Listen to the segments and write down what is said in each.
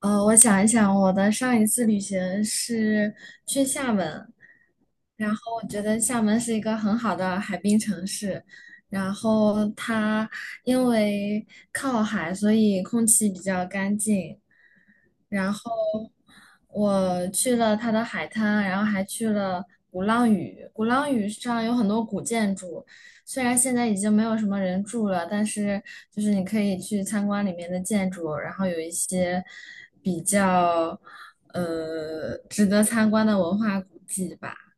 我想一想，我的上一次旅行是去厦门，然后我觉得厦门是一个很好的海滨城市，然后它因为靠海，所以空气比较干净，然后我去了它的海滩，然后还去了鼓浪屿。鼓浪屿上有很多古建筑，虽然现在已经没有什么人住了，但是就是你可以去参观里面的建筑，然后有一些比较值得参观的文化古迹吧。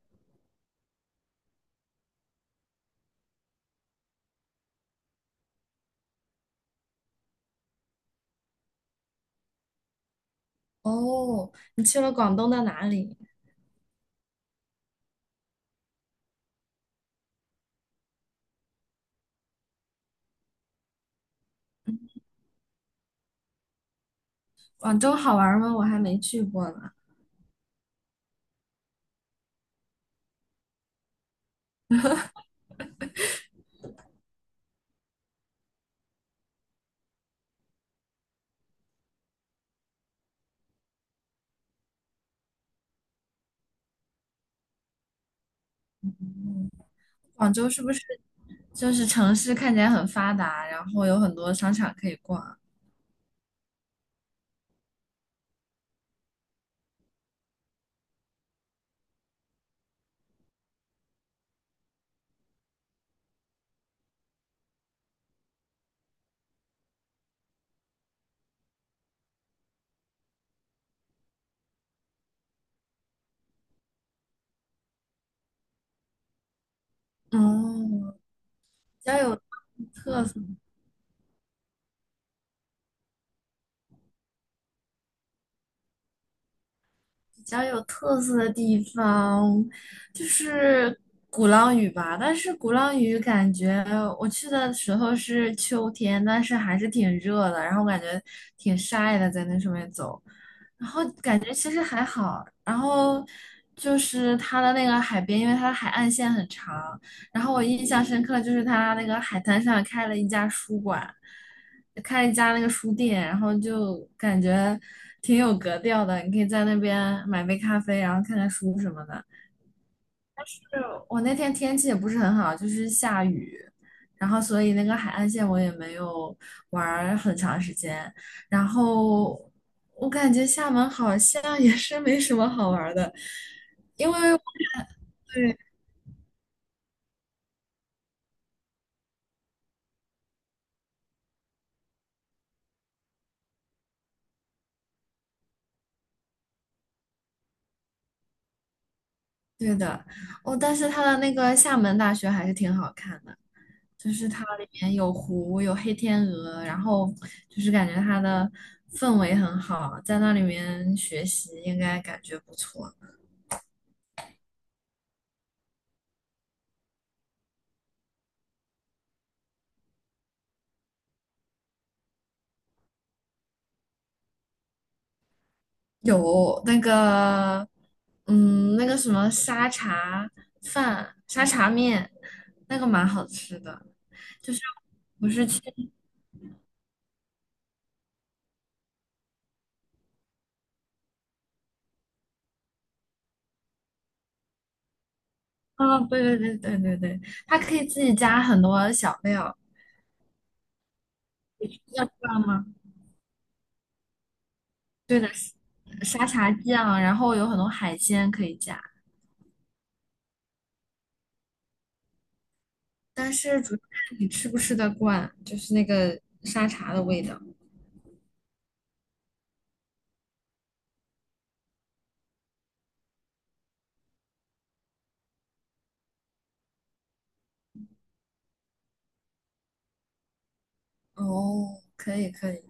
哦，你去了广东的哪里？广州好玩吗？我还没去过呢。广州是不是就是城市看起来很发达，然后有很多商场可以逛啊。哦，比较有特色、比较有特色的地方就是鼓浪屿吧。但是鼓浪屿感觉我去的时候是秋天，但是还是挺热的，然后感觉挺晒的，在那上面走。然后感觉其实还好，然后就是它的那个海边，因为它的海岸线很长，然后我印象深刻就是它那个海滩上开了一家书馆，开了一家那个书店，然后就感觉挺有格调的，你可以在那边买杯咖啡，然后看看书什么的。是我那天天气也不是很好，就是下雨，然后所以那个海岸线我也没有玩儿很长时间。然后我感觉厦门好像也是没什么好玩儿的，因为我对。对的，哦，但是它的那个厦门大学还是挺好看的，就是它里面有湖，有黑天鹅，然后就是感觉它的氛围很好，在那里面学习应该感觉不错。有那个，嗯，那个什么沙茶饭、沙茶面，那个蛮好吃的。就是我是去，啊，对对对对对对，它可以自己加很多小料，要知道吗？对的，沙茶酱，然后有很多海鲜可以加，但是主要看你吃不吃得惯，就是那个沙茶的味道。哦，可以可以。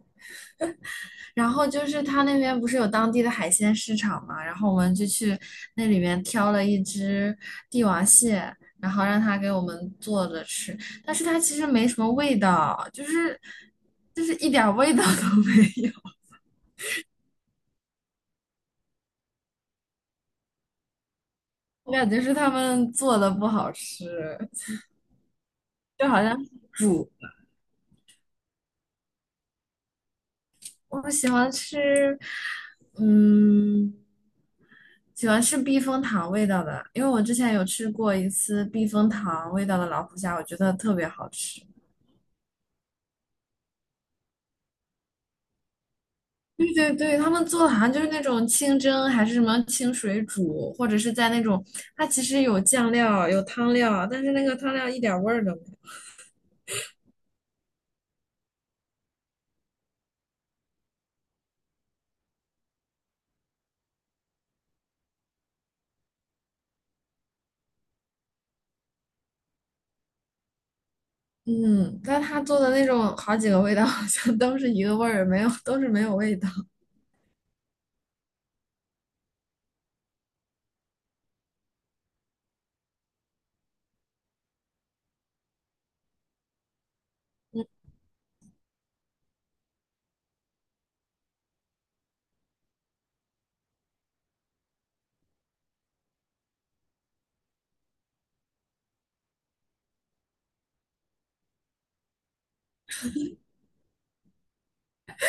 然后就是他那边不是有当地的海鲜市场嘛，然后我们就去那里面挑了一只帝王蟹，然后让他给我们做着吃，但是它其实没什么味道，就是一点儿味道 都没有，我感觉是他们做的不好吃，就好像煮，我喜欢吃，嗯。喜欢吃避风塘味道的，因为我之前有吃过一次避风塘味道的老虎虾，我觉得特别好吃。对对对，他们做的好像就是那种清蒸，还是什么清水煮，或者是在那种，它其实有酱料，有汤料，但是那个汤料一点味儿都没有。嗯，但他做的那种好几个味道好像都是一个味儿，没有，都是没有味道。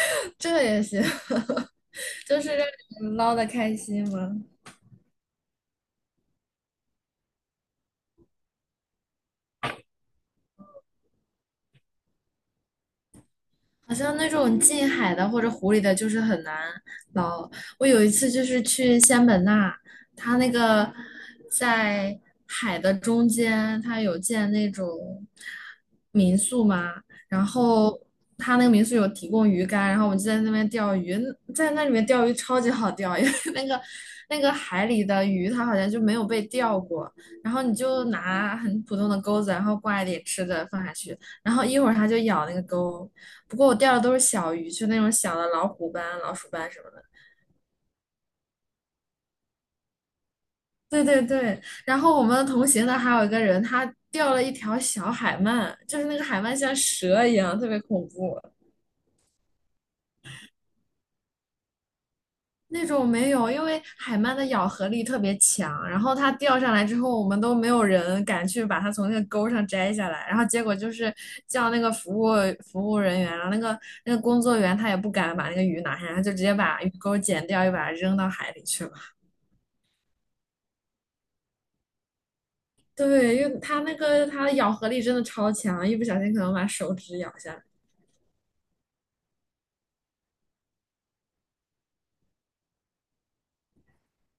这也行，就是让你们捞的开心嘛。好像那种近海的或者湖里的，就是很难捞。我有一次就是去仙本那，它那个在海的中间，它有建那种民宿嘛，然后它那个民宿有提供鱼竿，然后我们就在那边钓鱼，在那里面钓鱼超级好钓，因为 那个海里的鱼它好像就没有被钓过，然后你就拿很普通的钩子，然后挂一点吃的放下去，然后一会儿它就咬那个钩。不过我钓的都是小鱼，就那种小的老虎斑、老鼠斑什么的。对对对，然后我们同行的还有一个人，他钓了一条小海鳗，就是那个海鳗像蛇一样，特别恐怖。那种没有，因为海鳗的咬合力特别强，然后它钓上来之后，我们都没有人敢去把它从那个钩上摘下来，然后结果就是叫那个服务人员，然后那个工作员他也不敢把那个鱼拿下来，他就直接把鱼钩剪掉，又把它扔到海里去了。对，因为它那个它的咬合力真的超强，一不小心可能把手指咬下来。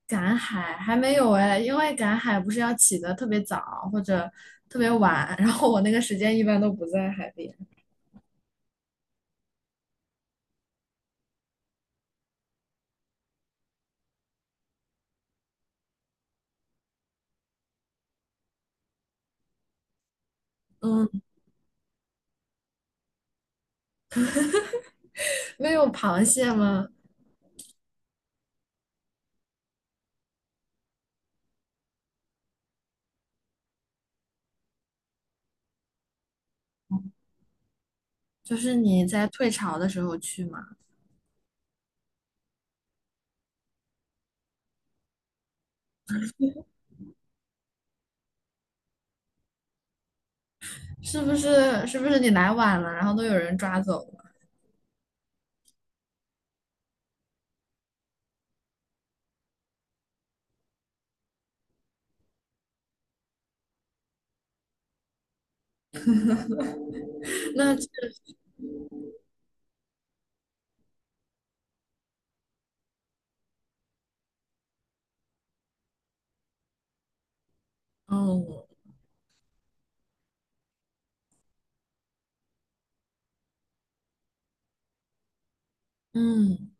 赶海还没有哎，因为赶海不是要起得特别早或者特别晚，然后我那个时间一般都不在海边。嗯，没有螃蟹吗？就是你在退潮的时候去嘛，是不是你来晚了，然后都有人抓走了？那嗯嗯，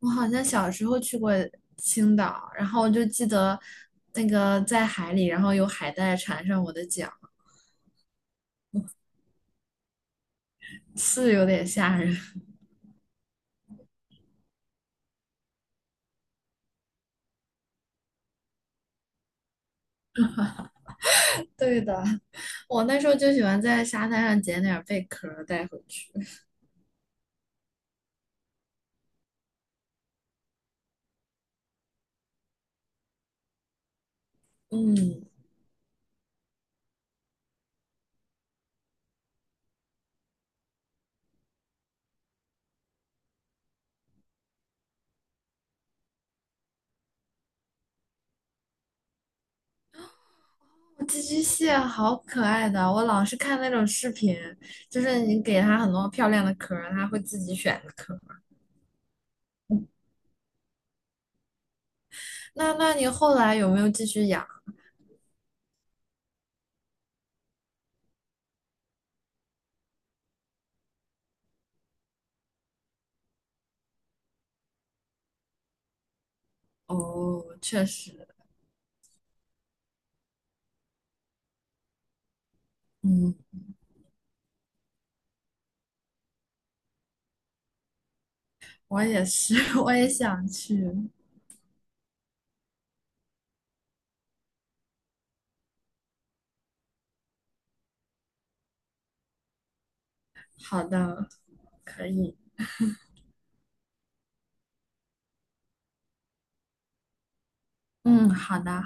我好像小时候去过青岛，然后我就记得那个在海里，然后有海带缠上我的脚。是有点吓人。对的，我那时候就喜欢在沙滩上捡点贝壳带回去。嗯，寄居蟹好可爱的，我老是看那种视频，就是你给它很多漂亮的壳它会自己选壳。那你后来有没有继续养？哦，确实，嗯，我也是，我也想去。好的，可以。嗯，好的。